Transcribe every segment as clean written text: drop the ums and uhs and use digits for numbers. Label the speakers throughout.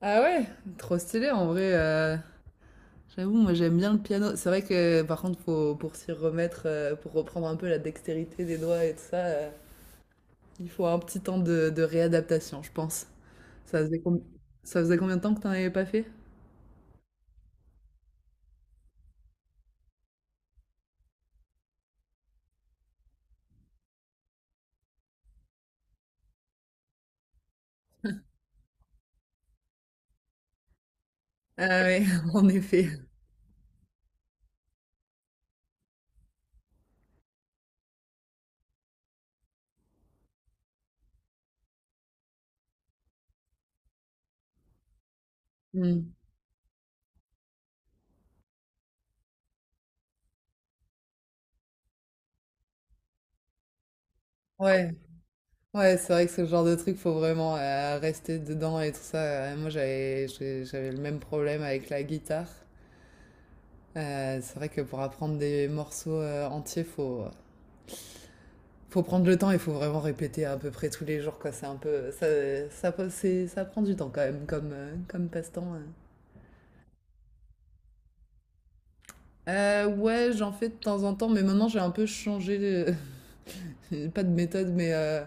Speaker 1: Ah ouais, trop stylé en vrai. J'avoue, moi j'aime bien le piano. C'est vrai que par contre, faut, pour s'y remettre, pour reprendre un peu la dextérité des doigts et tout ça, il faut un petit temps de réadaptation, je pense. Ça faisait, ça faisait combien de temps que t'en avais pas fait? Ah ouais, en effet. Hmm. Ouais, ouais, c'est vrai que ce genre de truc, faut vraiment rester dedans et tout ça. Moi, j'avais le même problème avec la guitare. C'est vrai que pour apprendre des morceaux entiers, faut prendre le temps, il faut vraiment répéter à peu près tous les jours, quoi. C'est un peu. Ça prend du temps quand même, comme passe-temps. Ouais, j'en fais de temps en temps, mais maintenant j'ai un peu changé. Pas de méthode, mais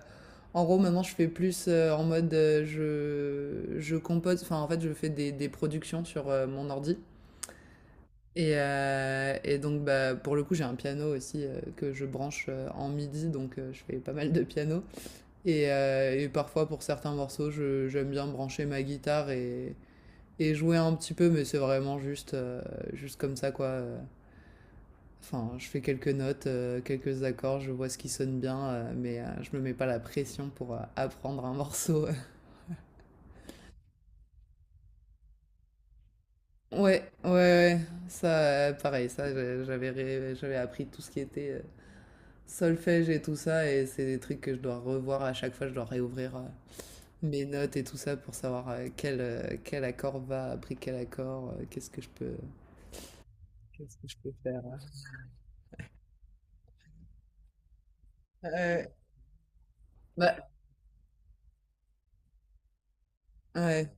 Speaker 1: en gros, maintenant je fais plus en mode je compose. Enfin, en fait, je fais des productions sur mon ordi. Et donc, bah, pour le coup, j'ai un piano aussi que je branche en MIDI, donc je fais pas mal de piano. Et parfois, pour certains morceaux, j'aime bien brancher ma guitare et jouer un petit peu, mais c'est vraiment juste, juste comme ça, quoi. Enfin, je fais quelques notes, quelques accords, je vois ce qui sonne bien, je me mets pas la pression pour apprendre un morceau. Ouais, ouais, ouais, ça, pareil, ça, j'avais appris tout ce qui était solfège et tout ça, et c'est des trucs que je dois revoir à chaque fois, je dois réouvrir. Mes notes et tout ça pour savoir quel accord va après quel accord, qu'est-ce que je peux, qu'est-ce que je peux faire. Euh, bah, ouais,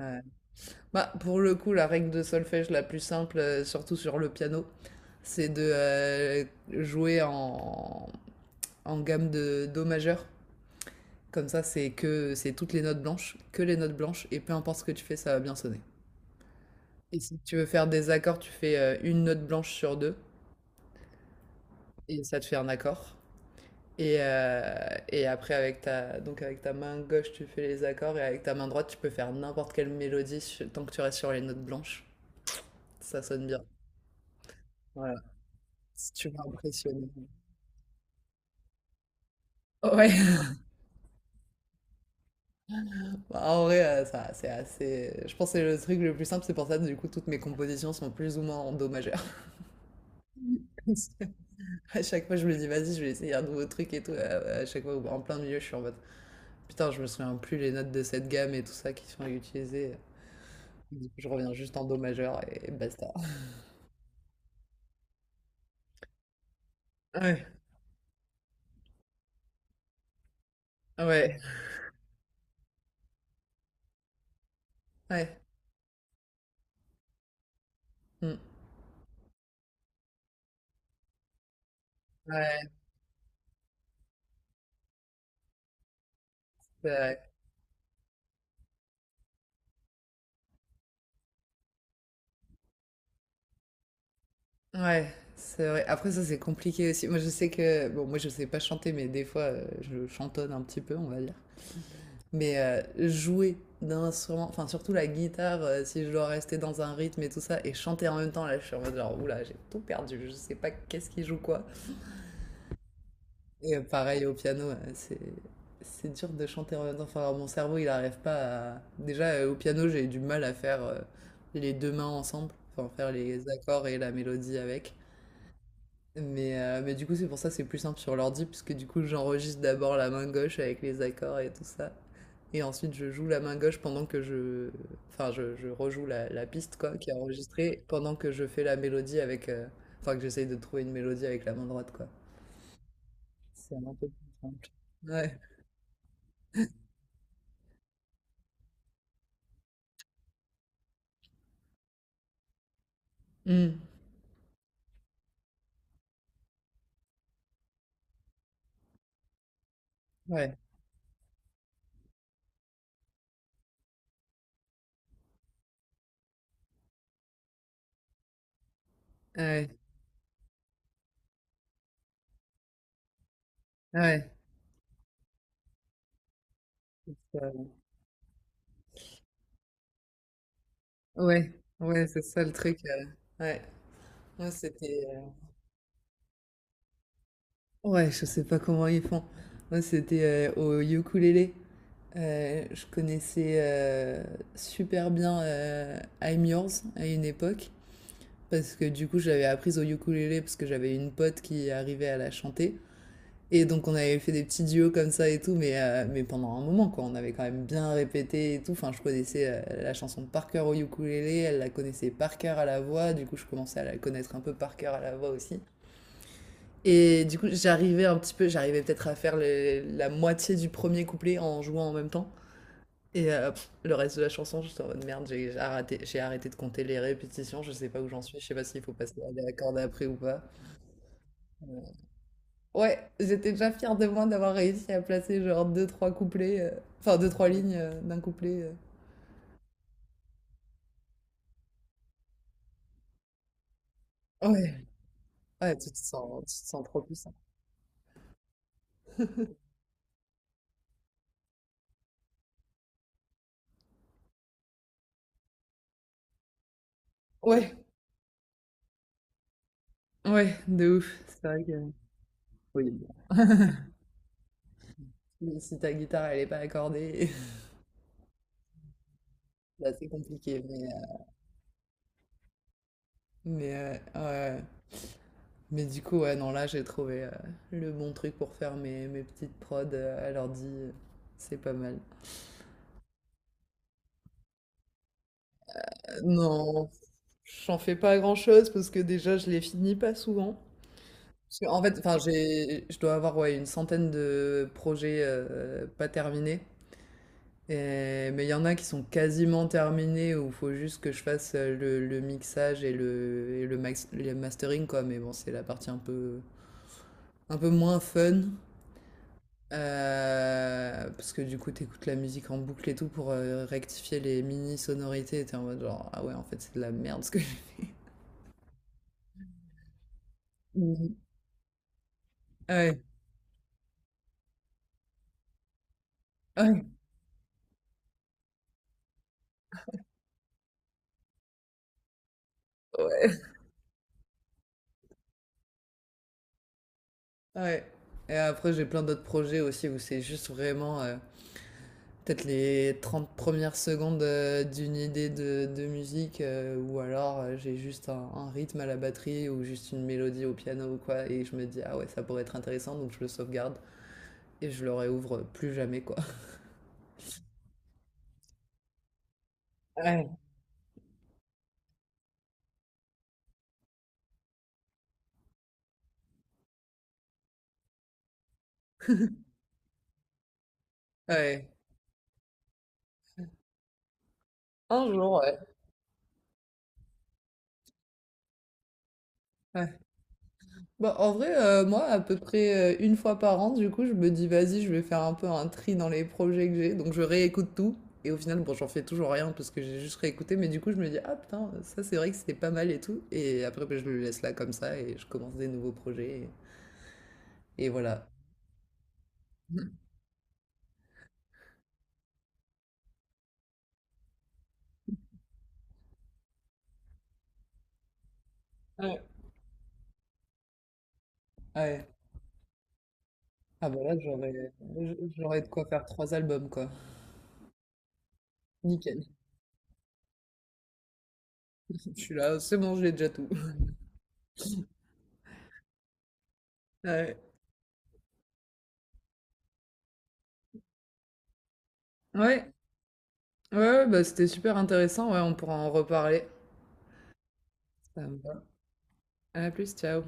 Speaker 1: ouais. Bah, pour le coup, la règle de solfège la plus simple, surtout sur le piano, c'est de jouer en gamme de do majeur. Comme ça, c'est que c'est toutes les notes blanches, que les notes blanches, et peu importe ce que tu fais, ça va bien sonner. Et si tu veux faire des accords, tu fais une note blanche sur deux, et ça te fait un accord. Et après, avec ta, donc avec ta main gauche, tu fais les accords et avec ta main droite, tu peux faire n'importe quelle mélodie tant que tu restes sur les notes blanches. Ça sonne bien. Voilà. C'est super impressionnant. Ouais. Bah, en vrai, ça, c'est assez. Je pense que c'est le truc le plus simple. C'est pour ça que du coup, toutes mes compositions sont plus ou moins en do majeur. À chaque fois, je me dis, vas-y, je vais essayer un nouveau truc et tout. À chaque fois, en plein milieu, je suis en mode, putain, je me souviens plus les notes de cette gamme et tout ça qui sont utilisées. Je reviens juste en do majeur et basta. Ouais. Ouais, ouais, mm. Ouais, c'est vrai. Ouais, c'est vrai. Après ça, c'est compliqué aussi. Moi, je sais que... Bon, moi, je sais pas chanter, mais des fois, je chantonne un petit peu, on va dire. Mais jouer d'un instrument, enfin, surtout la guitare, si je dois rester dans un rythme et tout ça, et chanter en même temps, là, je suis en mode genre, oula, j'ai tout perdu, je sais pas qu'est-ce qui joue quoi. Et pareil au piano, c'est dur de chanter en même temps. Enfin, mon cerveau, il n'arrive pas à. Déjà, au piano, j'ai du mal à faire les deux mains ensemble, enfin faire les accords et la mélodie avec. Mais du coup, c'est pour ça que c'est plus simple sur l'ordi, puisque du coup, j'enregistre d'abord la main gauche avec les accords et tout ça. Et ensuite, je joue la main gauche pendant que je... Enfin, je rejoue la piste, quoi, qui est enregistrée, pendant que je fais la mélodie avec... Enfin, que j'essaye de trouver une mélodie avec la main droite, quoi. C'est un peu plus simple. Ouais. Mm. Ouais, ouais, ouais, ça- ouais, ouais, c'est ça le truc. Ouais, moi c'était. Ouais, je sais pas comment ils font. Moi c'était au ukulélé. Je connaissais super bien I'm Yours à une époque. Parce que du coup, j'avais appris au ukulélé parce que j'avais une pote qui arrivait à la chanter. Et donc on avait fait des petits duos comme ça et tout, mais pendant un moment quoi, on avait quand même bien répété et tout. Enfin, je connaissais la chanson par cœur au ukulélé, elle la connaissait par cœur à la voix, du coup je commençais à la connaître un peu par cœur à la voix aussi. Et du coup j'arrivais peut-être à faire la moitié du premier couplet en jouant en même temps. Et le reste de la chanson, j'étais en mode merde, j'ai arrêté de compter les répétitions, je sais pas où j'en suis, je sais pas s'il faut passer à la corde après ou pas. Euh, Ouais, j'étais déjà fière de moi d'avoir réussi à placer genre deux, trois couplets, enfin deux, trois lignes d'un couplet. Ouais, ouais, tu te sens trop puissant. Ouais, ouais, de ouf. C'est vrai que oui. Bon. Mais si ta guitare elle est pas accordée, là c'est compliqué. Ouais. Ouais. Mais du coup, ouais, non, là j'ai trouvé le bon truc pour faire mes petites prods à l'ordi. C'est pas mal. Non, j'en fais pas grand-chose parce que déjà je les finis pas souvent. Parce qu'en fait, enfin, je dois avoir ouais, une centaine de projets pas terminés. Mais il y en a qui sont quasiment terminés où il faut juste que je fasse le mixage et le mastering, quoi. Mais bon, c'est la partie un peu moins fun. Parce que du coup, t'écoutes la musique en boucle et tout pour rectifier les mini sonorités. Et t'es en mode genre, ah ouais, en fait, c'est de la merde ce que j'ai. Mhm. Ouais, ouais, ouais. Ouais. Et après, j'ai plein d'autres projets aussi où c'est juste vraiment peut-être les 30 premières secondes d'une idée de musique ou alors j'ai juste un rythme à la batterie ou juste une mélodie au piano ou quoi et je me dis ah ouais, ça pourrait être intéressant donc je le sauvegarde et je le réouvre plus jamais quoi. Ouais. Ouais. Un jour, ouais. Ouais. Bah, en vrai, moi, à peu près une fois par an, du coup, je me dis, vas-y, je vais faire un peu un tri dans les projets que j'ai. Donc, je réécoute tout. Et au final, bon, j'en fais toujours rien parce que j'ai juste réécouté. Mais du coup, je me dis, ah putain, ça, c'est vrai que c'était pas mal et tout. Et après, bah, je le laisse là comme ça et je commence des nouveaux projets. Et voilà. Ouais. Ouais. Ah, bah là, j'aurais de quoi faire 3 albums, quoi. Nickel. Je suis là, c'est bon, j'ai déjà tout. Ouais. Ouais, ouais, ouais, bah, c'était super intéressant. Ouais, on pourra en reparler. Ça me va. À plus, ciao.